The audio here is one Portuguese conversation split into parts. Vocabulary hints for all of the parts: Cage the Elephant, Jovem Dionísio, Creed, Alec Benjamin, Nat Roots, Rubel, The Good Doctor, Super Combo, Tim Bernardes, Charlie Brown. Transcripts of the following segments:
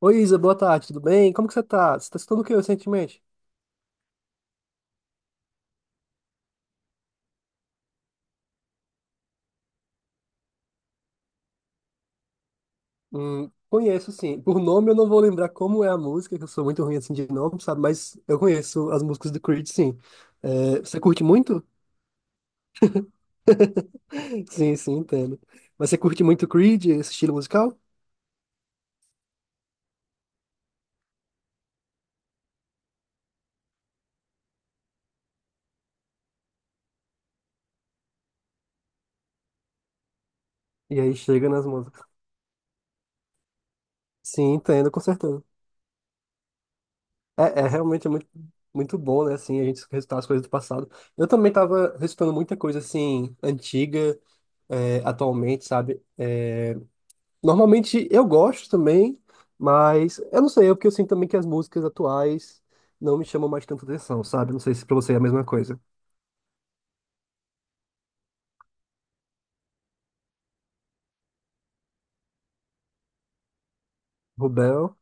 Oi, Isa, boa tarde, tudo bem? Como que você tá? Você tá escutando o que recentemente? Conheço, sim. Por nome eu não vou lembrar como é a música, que eu sou muito ruim assim de nome, sabe? Mas eu conheço as músicas do Creed, sim. É, você curte muito? Sim, sim, entendo. Mas você curte muito Creed, esse estilo musical? E aí chega nas músicas. Sim, entendo, com certeza. É, é realmente muito, muito bom, né? Assim, a gente recitar as coisas do passado. Eu também tava recitando muita coisa, assim, antiga, é, atualmente, sabe? Normalmente eu gosto também, mas eu não sei, é porque eu sinto também que as músicas atuais não me chamam mais tanta atenção, sabe? Não sei se pra você é a mesma coisa. Rubel,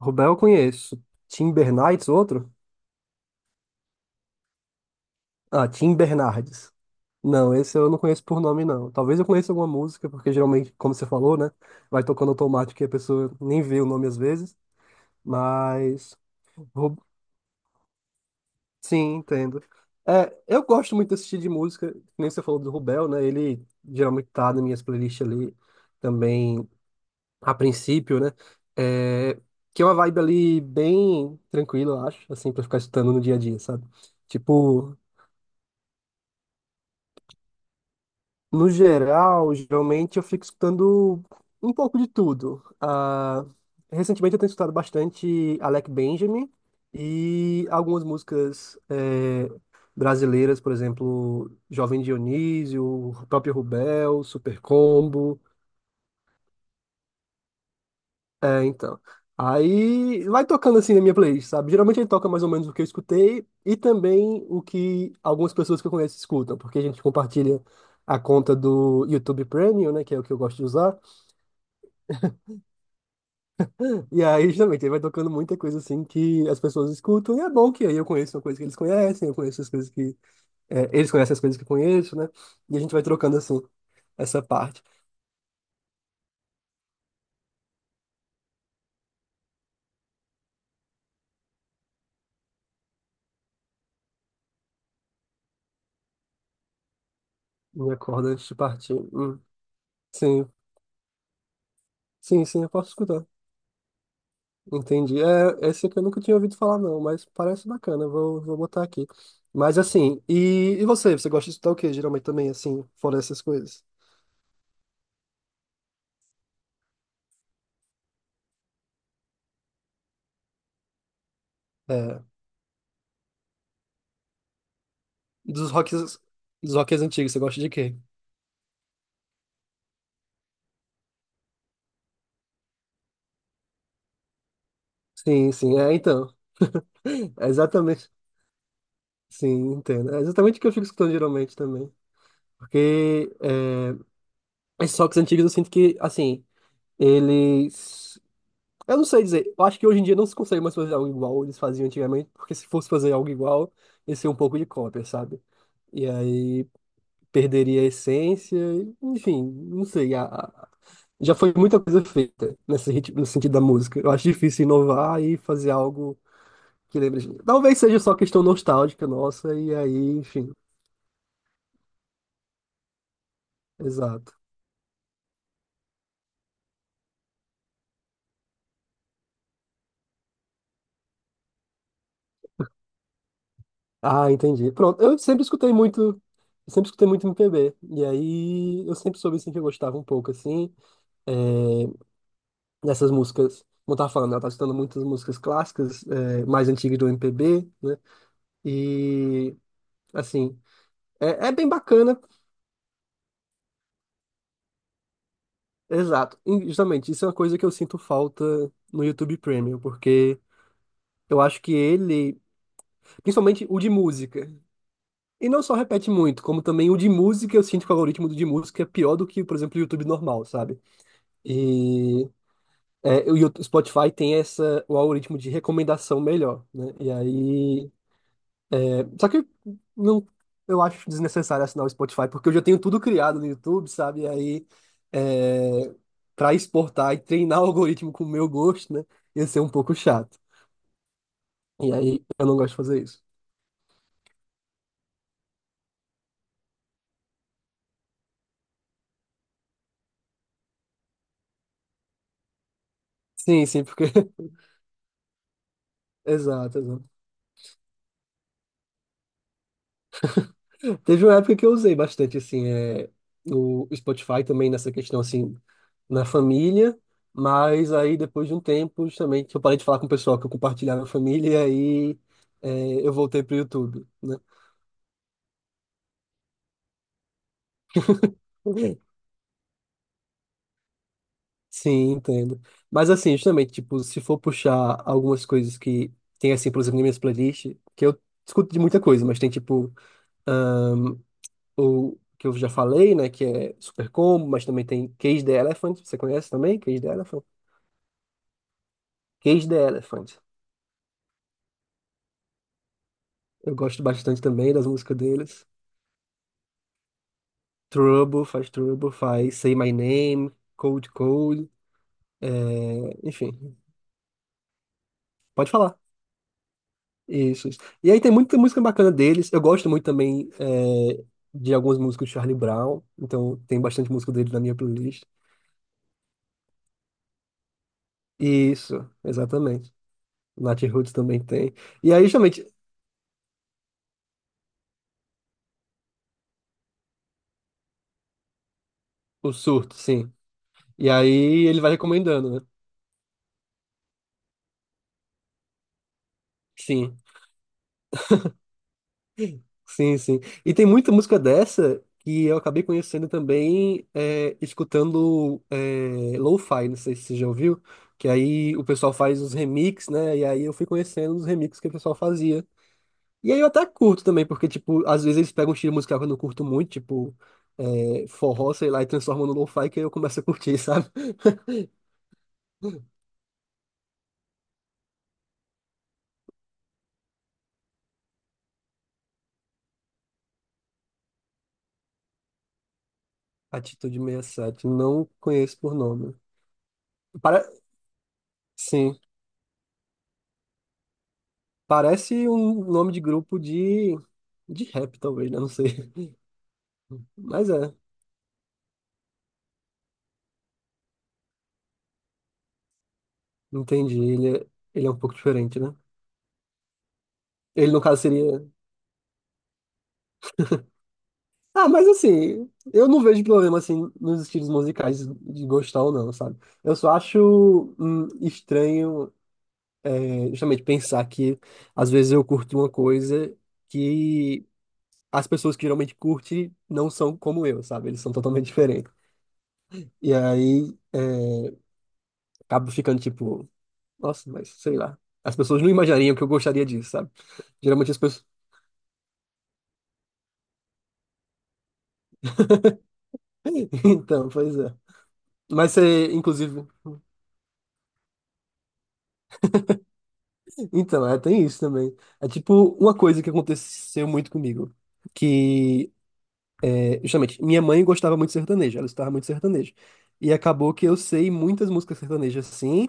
Rubel eu conheço. Tim Bernardes, outro? Ah, Tim Bernardes. Não, esse eu não conheço por nome, não. Talvez eu conheça alguma música, porque geralmente, como você falou, né? Vai tocando automático e a pessoa nem vê o nome às vezes. Mas, Ru- sim, entendo. É, eu gosto muito desse estilo de música, que nem você falou do Rubel, né? Ele geralmente tá nas minhas playlists ali também, a princípio, né? É, que é uma vibe ali bem tranquila, eu acho, assim, pra ficar escutando no dia a dia, sabe? Tipo, no geral, geralmente eu fico escutando um pouco de tudo. Ah, recentemente eu tenho escutado bastante Alec Benjamin e algumas músicas brasileiras, por exemplo, Jovem Dionísio, o próprio Rubel, Super Combo. É, então. Aí vai tocando assim na minha playlist, sabe? Geralmente ele toca mais ou menos o que eu escutei e também o que algumas pessoas que eu conheço escutam, porque a gente compartilha a conta do YouTube Premium, né, que é o que eu gosto de usar. E aí, justamente, ele vai tocando muita coisa assim que as pessoas escutam, e é bom que aí eu conheço uma coisa que eles conhecem, eu conheço as coisas que, é, eles conhecem as coisas que eu conheço, né? E a gente vai trocando assim, essa parte. Minha corda antes de partir. Sim, sim, sim, eu posso escutar. Entendi. É, esse aqui eu nunca tinha ouvido falar, não, mas parece bacana, vou botar aqui. Mas assim, e você? Você gosta de escutar o quê, geralmente também, assim, fora essas coisas? É, dos rocks, dos rocks antigos, você gosta de quê? Sim, sim, é, então. É exatamente. Sim, entendo. É exatamente o que eu fico escutando geralmente também. Porque é, esses rocks antigos eu sinto que, assim, eles. Eu não sei dizer. Eu acho que hoje em dia não se consegue mais fazer algo igual eles faziam antigamente, porque se fosse fazer algo igual, ia ser um pouco de cópia, sabe? E aí perderia a essência, e, enfim, não sei. Já foi muita coisa feita nesse ritmo, no sentido da música. Eu acho difícil inovar e fazer algo que lembre a gente. Talvez seja só questão nostálgica nossa, e aí, enfim, exato. Ah, entendi. Pronto, eu sempre escutei muito MPB. E aí eu sempre soube assim que eu gostava um pouco assim dessas músicas. Como eu tava falando, ela tá escutando muitas músicas clássicas, mais antigas do MPB, né? E assim, é bem bacana, exato. E, justamente, isso é uma coisa que eu sinto falta no YouTube Premium, porque eu acho que ele, principalmente o de música, e não só repete muito, como também o de música, eu sinto que o algoritmo do de música é pior do que, por exemplo, o YouTube normal, sabe? E É, e o Spotify tem essa, o algoritmo de recomendação melhor, né? E aí, é, só que não, eu acho desnecessário assinar o Spotify, porque eu já tenho tudo criado no YouTube, sabe? E aí, é, para exportar e treinar o algoritmo com o meu gosto, né? Ia ser um pouco chato. E aí, eu não gosto de fazer isso. Sim, sim, porque. Exato, exato. Teve uma época que eu usei bastante, assim, é, o Spotify também nessa questão, assim, na família, mas aí depois de um tempo, justamente, eu parei de falar com o pessoal que eu compartilhava na família, e aí é, eu voltei pro YouTube, né? Ok. Sim, entendo. Mas assim, justamente, tipo, se for puxar algumas coisas que tem, assim, por exemplo, nas minhas playlists, que eu escuto de muita coisa, mas tem, tipo, ah, o que eu já falei, né, que é Super Combo, mas também tem Cage the Elephant, você conhece também? Cage the Elephant? Cage the Elephant. Eu gosto bastante também das músicas deles. Trouble, faz Say My Name, Cold Cold, enfim, pode falar. Isso, isso. E aí tem muita música bacana deles. Eu gosto muito também de algumas músicas do Charlie Brown, então tem bastante música deles na minha playlist. Isso, exatamente. Nat Roots também tem. E aí, justamente, o surto, sim. E aí ele vai recomendando, né? Sim. Sim, sim. E tem muita música dessa que eu acabei conhecendo também é, escutando é, lo-fi, não sei se você já ouviu, que aí o pessoal faz os remix, né? E aí eu fui conhecendo os remixes que o pessoal fazia. E aí eu até curto também, porque, tipo, às vezes eles pegam um estilo musical que eu não curto muito, tipo, é, forró, sei lá, e transformam no lo-fi, que aí eu começo a curtir, sabe? Atitude 67 não conheço por nome. Para... Sim, parece um nome de grupo de rap, talvez, né? Não sei. Mas é, entendi. Ele é um pouco diferente, né? Ele, no caso, seria. Ah, mas assim, eu não vejo problema assim nos estilos musicais de gostar ou não, sabe? Eu só acho estranho, é, justamente, pensar que às vezes eu curto uma coisa que as pessoas que geralmente curtem não são como eu, sabe? Eles são totalmente diferentes. E aí é, acabo ficando tipo, nossa, mas sei lá. As pessoas não imaginariam que eu gostaria disso, sabe? Geralmente as pessoas. Então, pois é. Mas você, inclusive. Então, é, tem isso também. É tipo uma coisa que aconteceu muito comigo. Que, é, justamente, minha mãe gostava muito de sertanejo, ela escutava muito sertanejo. E acabou que eu sei muitas músicas sertanejas, sim,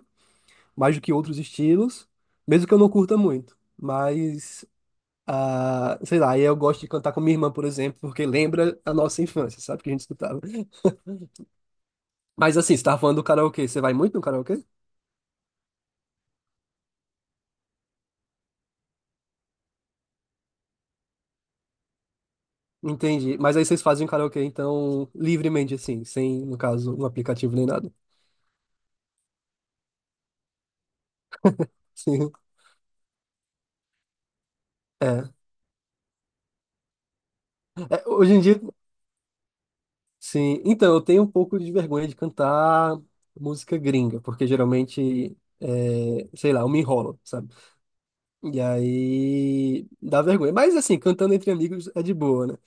mais do que outros estilos, mesmo que eu não curta muito. Mas, ah, sei lá, aí eu gosto de cantar com minha irmã, por exemplo, porque lembra a nossa infância, sabe? Que a gente escutava. Mas assim, você tava falando do karaokê, você vai muito no karaokê? Entendi. Mas aí vocês fazem karaokê, então, livremente, assim, sem, no caso, um aplicativo nem nada. Sim. É. É, hoje em dia, sim. Então, eu tenho um pouco de vergonha de cantar música gringa, porque geralmente, é, sei lá, eu me enrolo, sabe? E aí dá vergonha. Mas, assim, cantando entre amigos é de boa, né?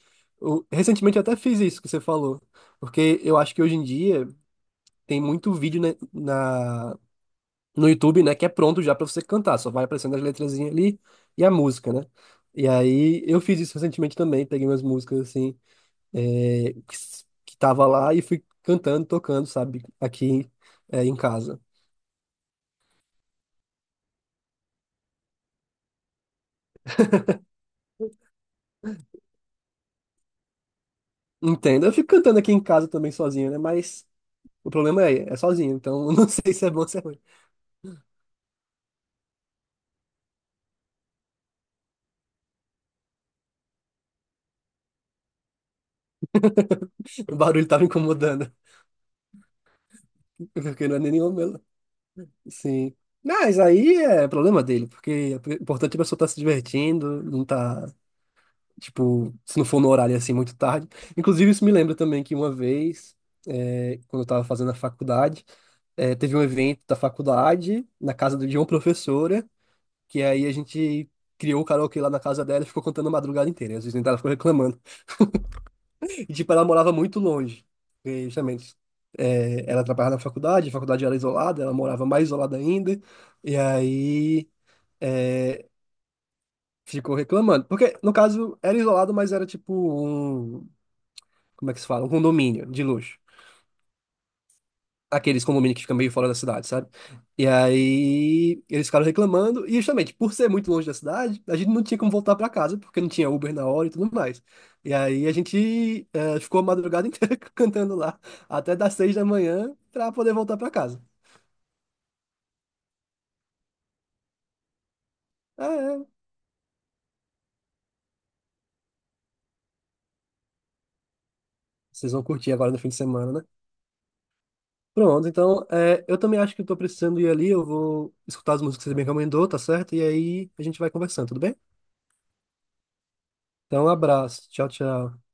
Recentemente eu até fiz isso que você falou, porque eu acho que hoje em dia tem muito vídeo, né, no YouTube, né, que é pronto já pra você cantar, só vai aparecendo as letrazinhas ali e a música, né? E aí eu fiz isso recentemente também, peguei umas músicas assim, é, que, que tava lá e fui cantando, tocando, sabe, aqui é, em casa. Entendo. Eu fico cantando aqui em casa também sozinho, né? Mas o problema é sozinho, então eu não sei se é bom ou se é ruim. O barulho tava incomodando, porque não é nenhum meu. Sim. Mas aí é problema dele, porque o importante é a pessoa estar se divertindo, não tá. Tipo, se não for no horário assim muito tarde. Inclusive, isso me lembra também que uma vez, é, quando eu tava fazendo a faculdade, é, teve um evento da faculdade na casa de uma professora, que aí a gente criou o karaokê lá na casa dela e ficou cantando a madrugada inteira. E às vezes ela ficou reclamando. E tipo, ela morava muito longe. E, justamente, é, ela trabalhava na faculdade, a faculdade era isolada, ela morava mais isolada ainda. E aí, é, ficou reclamando. Porque, no caso, era isolado, mas era tipo um, como é que se fala? Um condomínio de luxo. Aqueles condomínios que ficam meio fora da cidade, sabe? E aí eles ficaram reclamando, e justamente por ser muito longe da cidade, a gente não tinha como voltar pra casa, porque não tinha Uber na hora e tudo mais. E aí a gente ficou a madrugada inteira cantando lá, até das 6 da manhã, pra poder voltar pra casa. Ah, é. Vocês vão curtir agora no fim de semana, né? Pronto, então eu também acho que eu tô precisando ir ali, eu vou escutar as músicas que você me recomendou, tá certo? E aí a gente vai conversando, tudo bem? Então, um abraço. Tchau, tchau.